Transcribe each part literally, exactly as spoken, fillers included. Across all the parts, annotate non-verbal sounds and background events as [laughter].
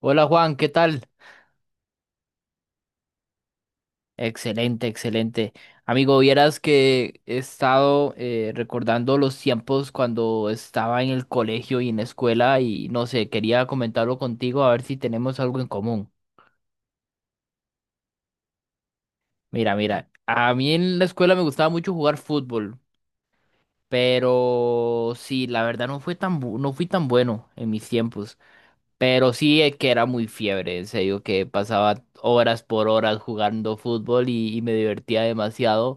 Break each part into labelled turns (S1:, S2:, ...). S1: Hola Juan, ¿qué tal? Excelente, excelente. Amigo, vieras que he estado eh, recordando los tiempos cuando estaba en el colegio y en la escuela y no sé, quería comentarlo contigo a ver si tenemos algo en común. Mira, mira, a mí en la escuela me gustaba mucho jugar fútbol, pero sí, la verdad no fue tan bu- no fui tan bueno en mis tiempos, pero sí eh, que era muy fiebre, en serio, que pasaba horas por horas jugando fútbol y y me divertía demasiado.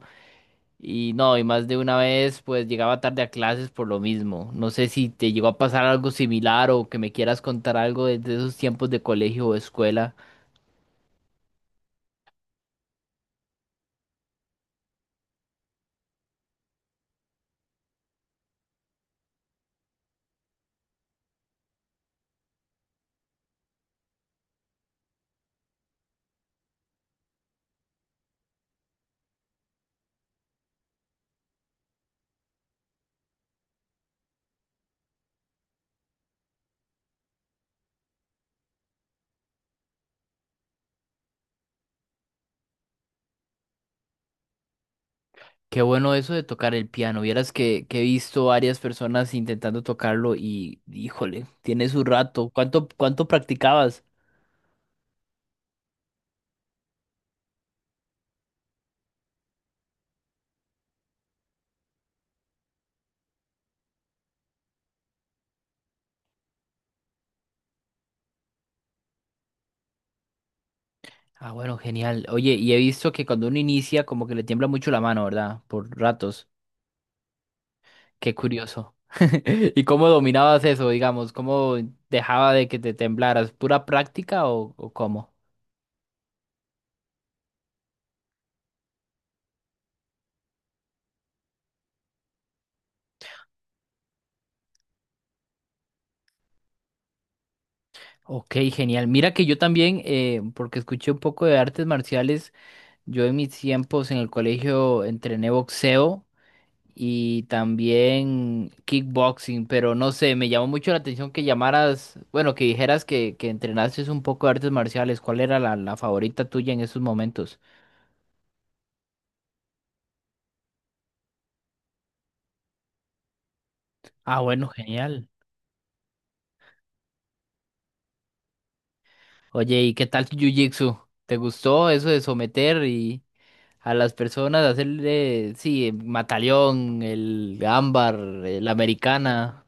S1: Y no, y más de una vez pues llegaba tarde a clases por lo mismo. No sé si te llegó a pasar algo similar o que me quieras contar algo de, de esos tiempos de colegio o escuela. Qué bueno eso de tocar el piano. Vieras que, que he visto varias personas intentando tocarlo y híjole, tiene su rato. ¿Cuánto, cuánto practicabas? Ah, bueno, genial. Oye, y he visto que cuando uno inicia como que le tiembla mucho la mano, ¿verdad? Por ratos. Qué curioso. [laughs] ¿Y cómo dominabas eso, digamos? ¿Cómo dejaba de que te temblaras? ¿Pura práctica o, o cómo? Ok, genial. Mira que yo también, eh, porque escuché un poco de artes marciales, yo en mis tiempos en el colegio entrené boxeo y también kickboxing, pero no sé, me llamó mucho la atención que llamaras, bueno, que dijeras que, que entrenaste un poco de artes marciales. ¿Cuál era la, la favorita tuya en esos momentos? Ah, bueno, genial. Oye, ¿y qué tal tu Jiu-Jitsu? ¿Te gustó eso de someter y a las personas hacerle, sí, mataleón, el ámbar, eh, la americana?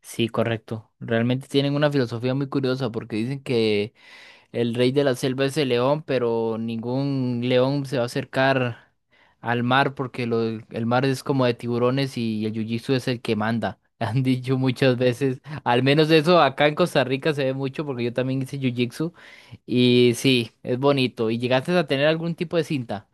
S1: Sí, correcto. Realmente tienen una filosofía muy curiosa porque dicen que el rey de la selva es el león, pero ningún león se va a acercar al mar porque lo- el mar es como de tiburones y el jiu-jitsu es el que manda. [laughs] Han dicho muchas veces, al menos eso acá en Costa Rica se ve mucho porque yo también hice jiu-jitsu y sí, es bonito. ¿Y llegaste a tener algún tipo de cinta?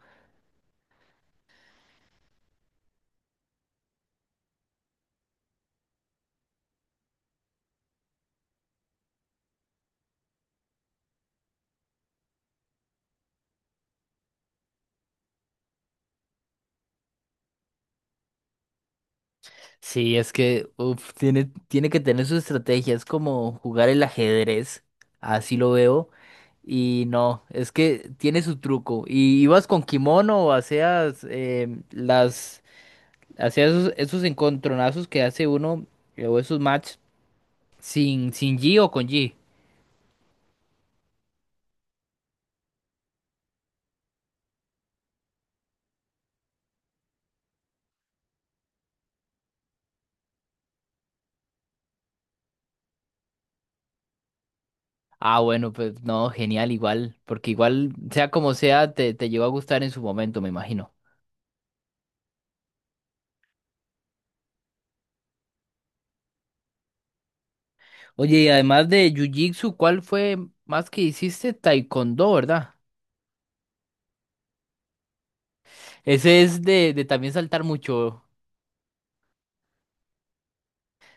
S1: Sí, es que uf, tiene, tiene que tener su estrategia, es como jugar el ajedrez, así lo veo. Y no, es que tiene su truco. ¿Y ibas con kimono o hacías em, las hacías esos, esos encontronazos que hace uno eh, o esos match sin sin G o con G? Ah, bueno, pues no, genial igual, porque igual sea como sea te te llegó a gustar en su momento, me imagino. Oye, y además de Jiu-Jitsu, ¿cuál fue más que hiciste? Taekwondo, ¿verdad? Ese es de, de también saltar mucho.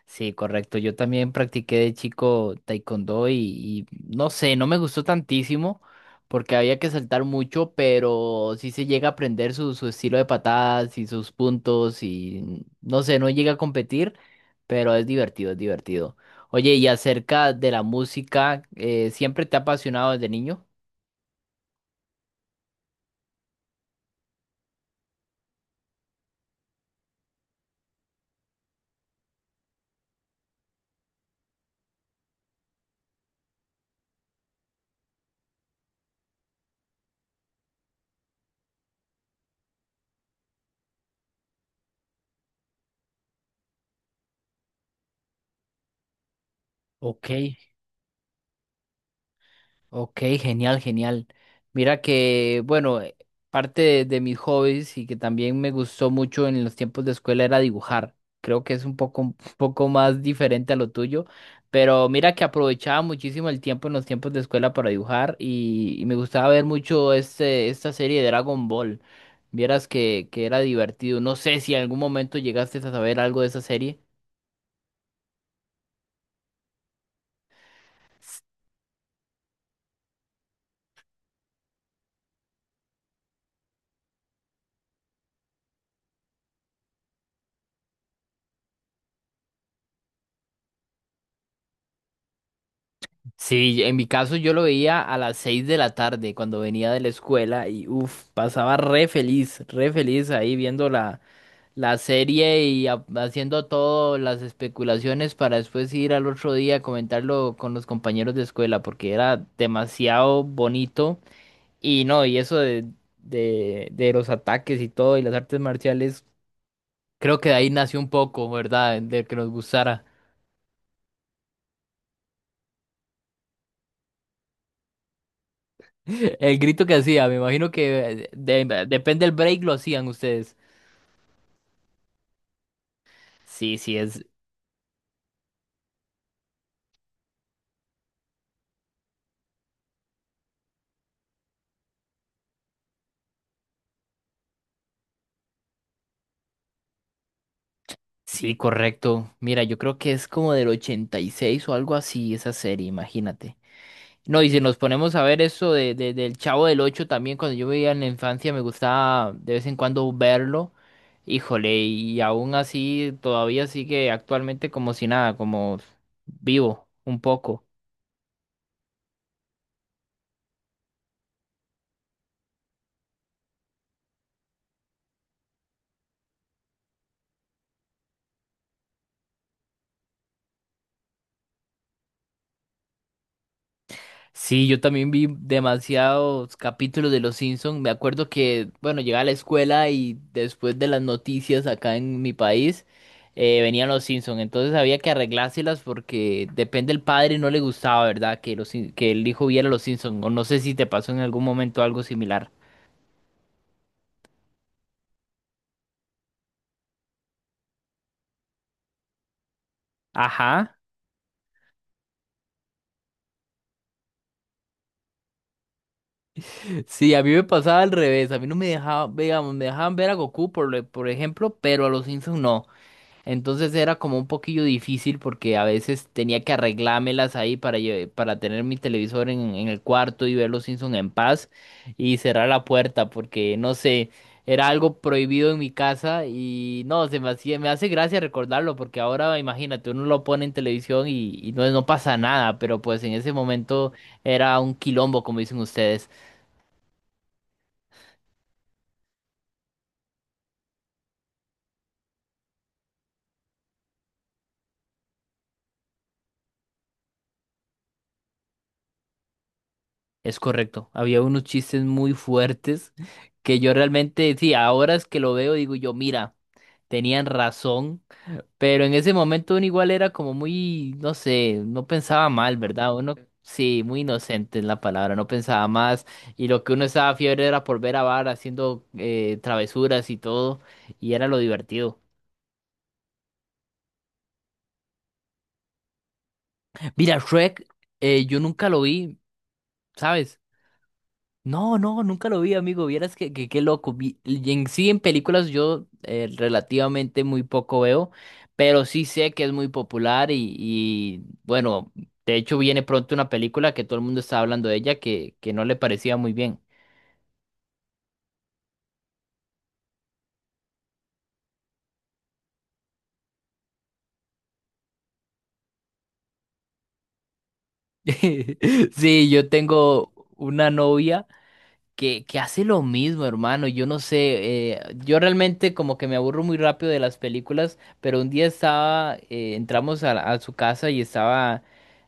S1: Sí, correcto. Yo también practiqué de chico taekwondo y, y no sé, no me gustó tantísimo porque había que saltar mucho, pero sí se llega a aprender su, su estilo de patadas y sus puntos y no sé, no llega a competir, pero es divertido, es divertido. Oye, y acerca de la música, eh, ¿siempre te ha apasionado desde niño? Ok, ok, genial, genial. Mira que, bueno, eh, parte de, de mis hobbies y que también me gustó mucho en los tiempos de escuela era dibujar. Creo que es un poco, un poco más diferente a lo tuyo, pero mira que aprovechaba muchísimo el tiempo en los tiempos de escuela para dibujar y, y me gustaba ver mucho este, esta serie de Dragon Ball. Vieras que, que era divertido. No sé si en algún momento llegaste a saber algo de esa serie. Sí, en mi caso yo lo veía a las seis de la tarde cuando venía de la escuela y uff, pasaba re feliz, re feliz ahí viendo la, la serie y ha- haciendo todas las especulaciones para después ir al otro día a comentarlo con los compañeros de escuela porque era demasiado bonito y no, y eso de, de, de los ataques y todo y las artes marciales, creo que de ahí nació un poco, ¿verdad? De que nos gustara. [laughs] El grito que hacía, me imagino que de- depende del break lo hacían ustedes. Sí, sí, es, sí, correcto. Mira, yo creo que es como del ochenta y seis o algo así esa serie, imagínate. No, y si nos ponemos a ver eso de, de- del Chavo del Ocho también, cuando yo veía en la infancia me gustaba de vez en cuando verlo. Híjole, y aún así todavía sigue actualmente como si nada, como vivo un poco. Sí, yo también vi demasiados capítulos de Los Simpson. Me acuerdo que, bueno, llegaba a la escuela y después de las noticias acá en mi país, eh, venían Los Simpson. Entonces había que arreglárselas porque depende el padre, no le gustaba, ¿verdad? Que, los, Sim- que el hijo viera Los Simpson. O no sé si te pasó en algún momento algo similar. Ajá. Sí, a mí me pasaba al revés. A mí no me dejaba, digamos, me dejaban ver a Goku, por, lo- por ejemplo, pero a Los Simpson no. Entonces era como un poquillo difícil porque a veces tenía que arreglármelas ahí para, lle- para tener mi televisor en, en el cuarto y ver los Simpsons en paz y cerrar la puerta porque no sé, era algo prohibido en mi casa y no, se me hacía- me hace gracia recordarlo porque ahora imagínate, uno lo pone en televisión y, y no, no pasa nada, pero pues en ese momento era un quilombo, como dicen ustedes. Es correcto, había unos chistes muy fuertes que yo realmente, sí, ahora es que lo veo, digo yo, mira, tenían razón, pero en ese momento uno igual era como muy, no sé, no pensaba mal, ¿verdad? Uno, sí, muy inocente es la palabra, no pensaba más y lo que uno estaba fiebre era por ver a Bar haciendo eh, travesuras y todo, y era lo divertido. Mira, Shrek, eh, yo nunca lo vi, ¿sabes? No, no, nunca lo vi, amigo. Vieras que, que qué loco. Vi- y en sí, en películas yo eh, relativamente muy poco veo, pero sí sé que es muy popular y, y, bueno, de hecho viene pronto una película que todo el mundo está hablando de ella que, que no le parecía muy bien. [laughs] Sí, yo tengo una novia que, que hace lo mismo, hermano. Yo no sé, eh, yo realmente como que me aburro muy rápido de las películas, pero un día estaba, eh, entramos a, la- a su casa y estaba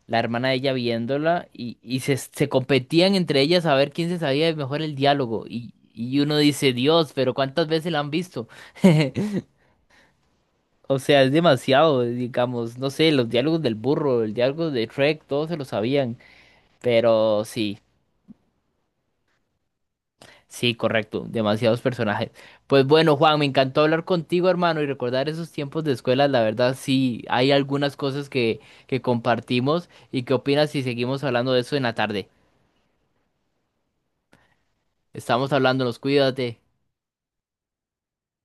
S1: la hermana de ella viéndola y, y se, se competían entre ellas a ver quién se sabía mejor el diálogo. Y, y uno dice, Dios, pero ¿cuántas veces la han visto? [laughs] O sea, es demasiado, digamos, no sé, los diálogos del burro, el diálogo de Shrek, todos se lo sabían, pero sí. Sí, correcto, demasiados personajes. Pues bueno, Juan, me encantó hablar contigo, hermano, y recordar esos tiempos de escuela. La verdad, sí, hay algunas cosas que, que compartimos. ¿Y qué opinas si seguimos hablando de eso en la tarde? Estamos hablándonos, cuídate.